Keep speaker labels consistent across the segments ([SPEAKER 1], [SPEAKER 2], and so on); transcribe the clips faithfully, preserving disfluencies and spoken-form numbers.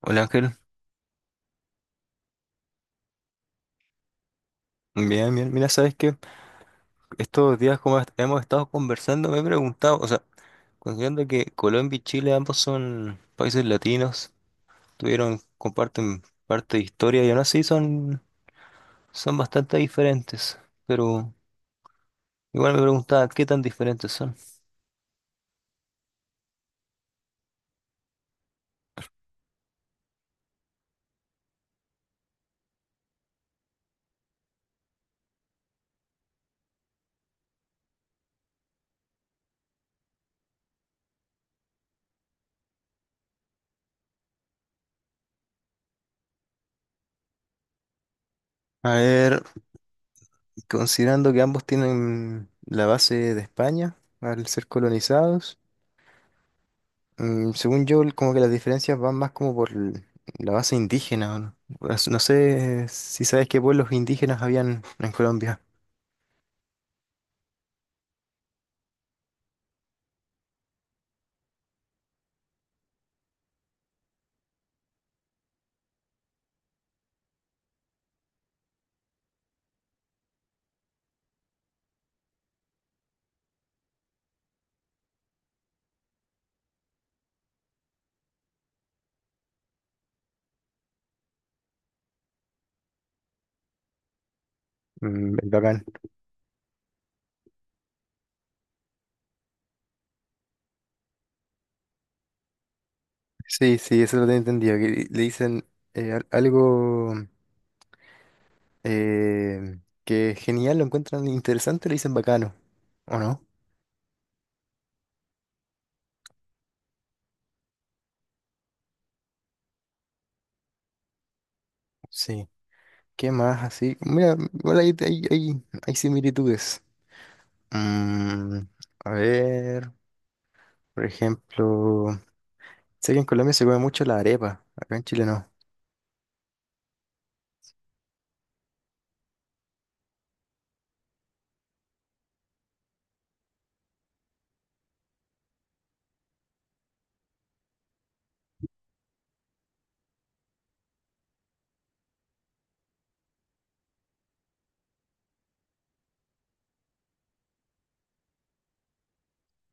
[SPEAKER 1] Hola Ángel, bien, bien. Mira, sabes que estos días como est- hemos estado conversando, me he preguntado, o sea, considerando que Colombia y Chile ambos son países latinos, tuvieron, comparten parte de historia y aún así son, son bastante diferentes. Pero igual me preguntaba qué tan diferentes son. A ver, considerando que ambos tienen la base de España al ser colonizados. Mm, según yo, el- como que las diferencias van más como por l- la base indígena. No, por no sé si sabes qué pueblos indígenas habían en Colombia. Mm, el bacán. Sí, sí, eso lo tengo entendido. Que le le dicen eh, al- algo eh, que es genial, lo encuentran interesante, le dicen bacano. ¿O no? Sí. ¿Qué más así? Mira, igual hay, hay, hay- hay similitudes. Mm, a ver, por ejemplo, sé que en Colombia se come mucho la arepa, acá en Chile no.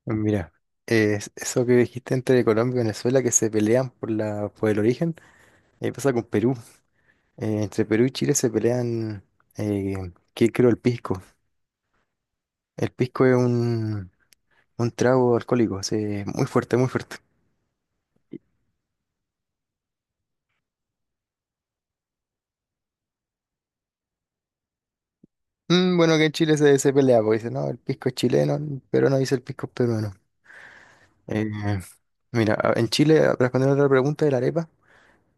[SPEAKER 1] Mira, eh, es- eso que dijiste entre Colombia y Venezuela que se pelean por la, por el origen, ahí pasa con Perú. Eh, entre Perú y Chile se pelean, eh, ¿qué creo? El pisco. El pisco es un, un trago alcohólico, así, muy fuerte, muy fuerte. Mm, bueno, que en Chile se, se pelea, porque dice, no, el pisco es chileno, pero no dice el pisco es peruano. Eh, Mira, a- en Chile, a- respondiendo a otra pregunta de la arepa,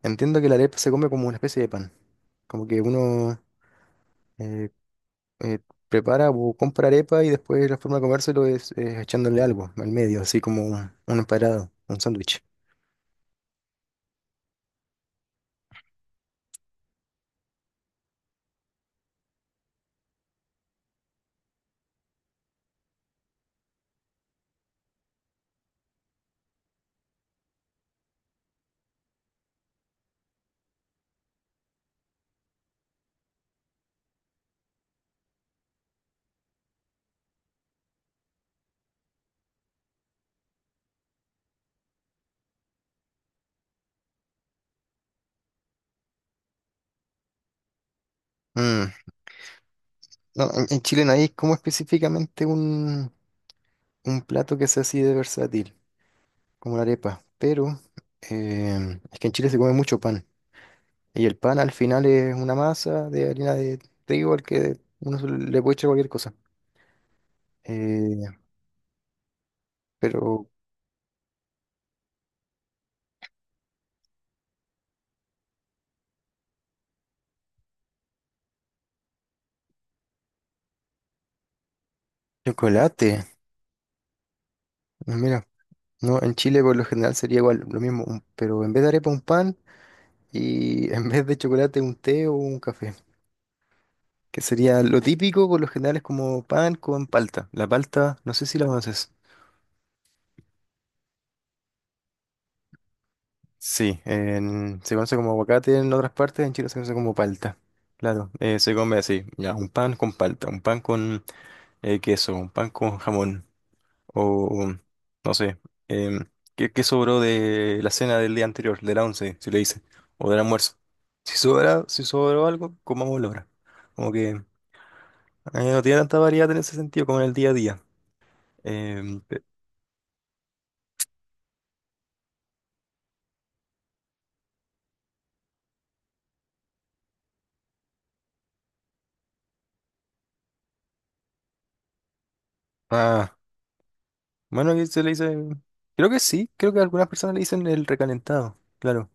[SPEAKER 1] entiendo que la arepa se come como una especie de pan. Como que uno, eh, eh, prepara o compra arepa y después la forma de comérselo es eh, echándole algo al medio, así como un, un emparado, un sándwich. Mm, no, en, en Chile no hay como específicamente un, un plato que sea así de versátil, como la arepa, pero eh, es que en Chile se come mucho pan y el pan al final es una masa de harina de trigo al que uno se le puede echar cualquier cosa. Eh, pero chocolate, mira, no, en Chile por lo general sería igual lo mismo, un- pero en vez de arepa un pan. Y en vez de chocolate un té o un café, que sería lo típico. Por lo general es como pan con palta. La palta, no sé si la conoces. Sí, en- se conoce como aguacate en otras partes, en Chile se conoce como palta. Claro, eh, se come así, ya, un pan con palta, un pan con eh, queso, un pan con jamón, o no sé, em, ¿qué, qué sobró de la cena del día anterior, de la once, si le dice, o del almuerzo? Si sobra, si sobró algo, comámoslo ahora. Como que Eh, no tiene tanta variedad en ese sentido como en el día a día. Em, pe- ah, bueno, que se le dice. Creo que sí, creo que a algunas personas le dicen el recalentado, claro.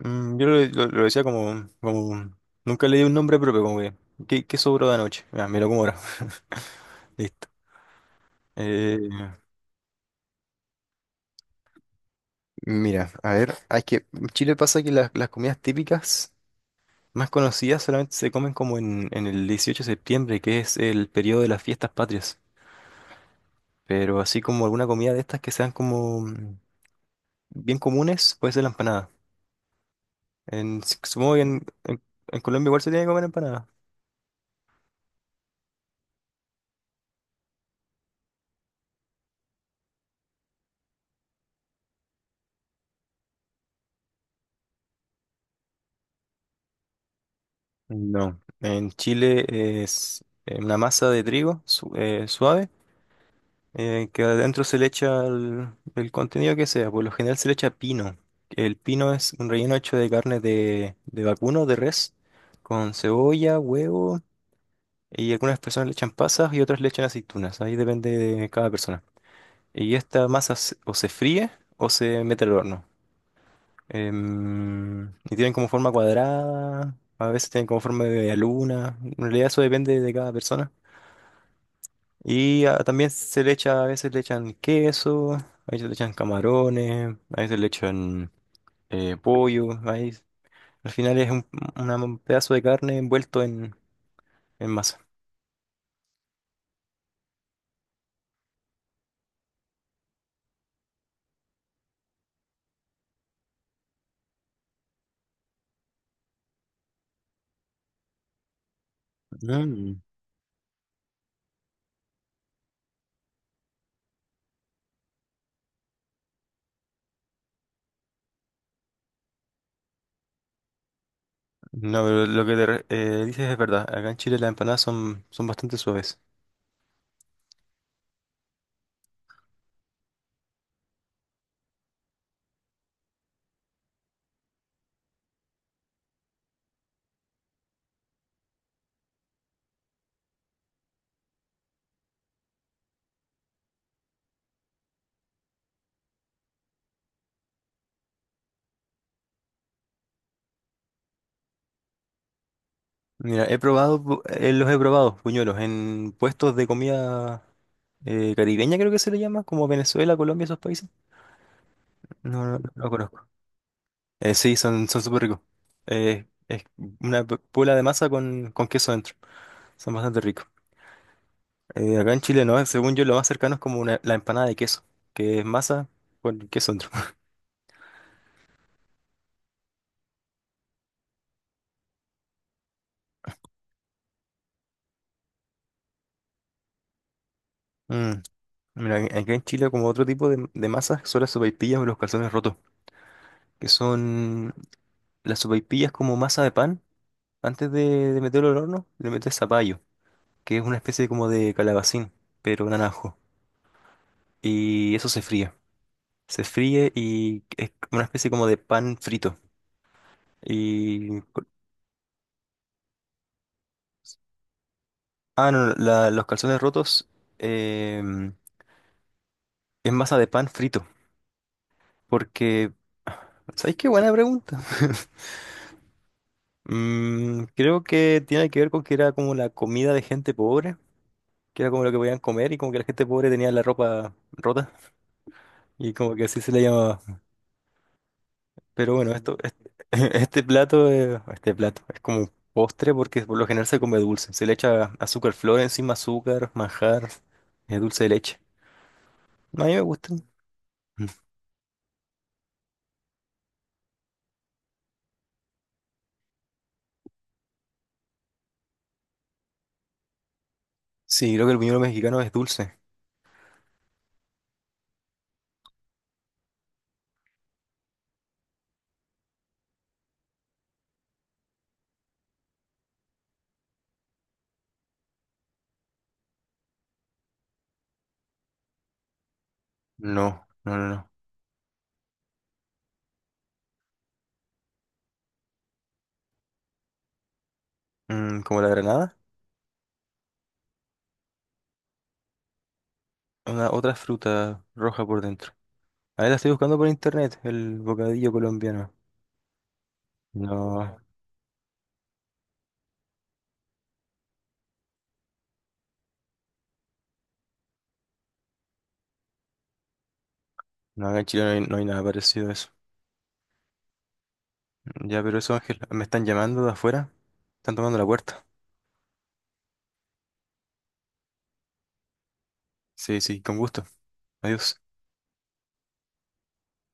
[SPEAKER 1] Mm, yo lo, lo- lo decía como, como. Nunca le di un nombre propio, como que. ¿Qué, qué sobró de anoche? Ah, me lo como ahora. Listo. Eh, Mira, a ver, hay que. En Chile pasa que las, las comidas típicas más conocidas solamente se comen como en, en el dieciocho de septiembre, que es el periodo de las fiestas patrias. Pero así como alguna comida de estas que sean como bien comunes puede ser la empanada. En, si, Supongo que en, en- en Colombia igual se tiene que comer empanada. No. En Chile es eh, una masa de trigo su- eh, suave eh, que adentro se le echa el, el contenido que sea. Por lo general se le echa pino. El pino es un relleno hecho de carne de, de vacuno, de res, con cebolla, huevo y algunas personas le echan pasas y otras le echan aceitunas. Ahí depende de cada persona. Y esta masa se- o se fríe o se mete al horno. Em, y tienen como forma cuadrada, a veces tienen como forma de media luna. En realidad eso depende de cada persona. Y ah, también se le echa, a veces le echan queso, a veces le echan camarones, a veces le echan eh, pollo. Ahí, al final es un, una- un pedazo de carne envuelto en, en masa. Mm. No, pero lo que te re- eh, dices es verdad. Acá en Chile las empanadas son, son bastante suaves. Mira, he probado, pu- eh, los he probado, puñuelos, en puestos de comida eh, caribeña creo que se le llama, como Venezuela, Colombia, esos países. No, no, no lo conozco. Eh, sí, son, son súper ricos. Eh, es una p- bola de masa con, con queso dentro. Son bastante ricos. Eh, acá en Chile, no, según yo, lo más cercano es como una- la empanada de queso, que es masa con queso dentro. Mm, Mira, acá en Chile como otro tipo de, de masas son las sopaipillas o los calzones rotos, que son las sopaipillas como masa de pan, antes de, de meterlo al horno, le metes zapallo, que es una especie como de calabacín, pero naranjo. Y eso se fríe. Se fríe y es una especie como de pan frito. Y... Ah, no, la- los calzones rotos em, es masa de pan frito. Porque... ¿Sabéis qué buena pregunta? Mm, creo que tiene que ver con que era como la comida de gente pobre, que era como lo que podían comer y como que la gente pobre tenía la ropa rota y como que así se le llamaba. Pero bueno, esto, es- este, plato, eh, este plato es como postre porque por lo general se come dulce. Se le echa azúcar flor encima, azúcar, manjar, eh, dulce de leche. A mí me gusta. Mm. Sí, creo que el buñuelo mexicano es dulce. No, no, no, no. Mm, ¿como la granada? Una otra fruta roja por dentro. Ahí la estoy buscando por internet, el bocadillo colombiano. No, no, acá en Chile no hay, no hay nada parecido a eso. Ya, pero eso, Ángel, me están llamando de afuera. Están tomando la puerta. Sí, sí, con gusto. Adiós.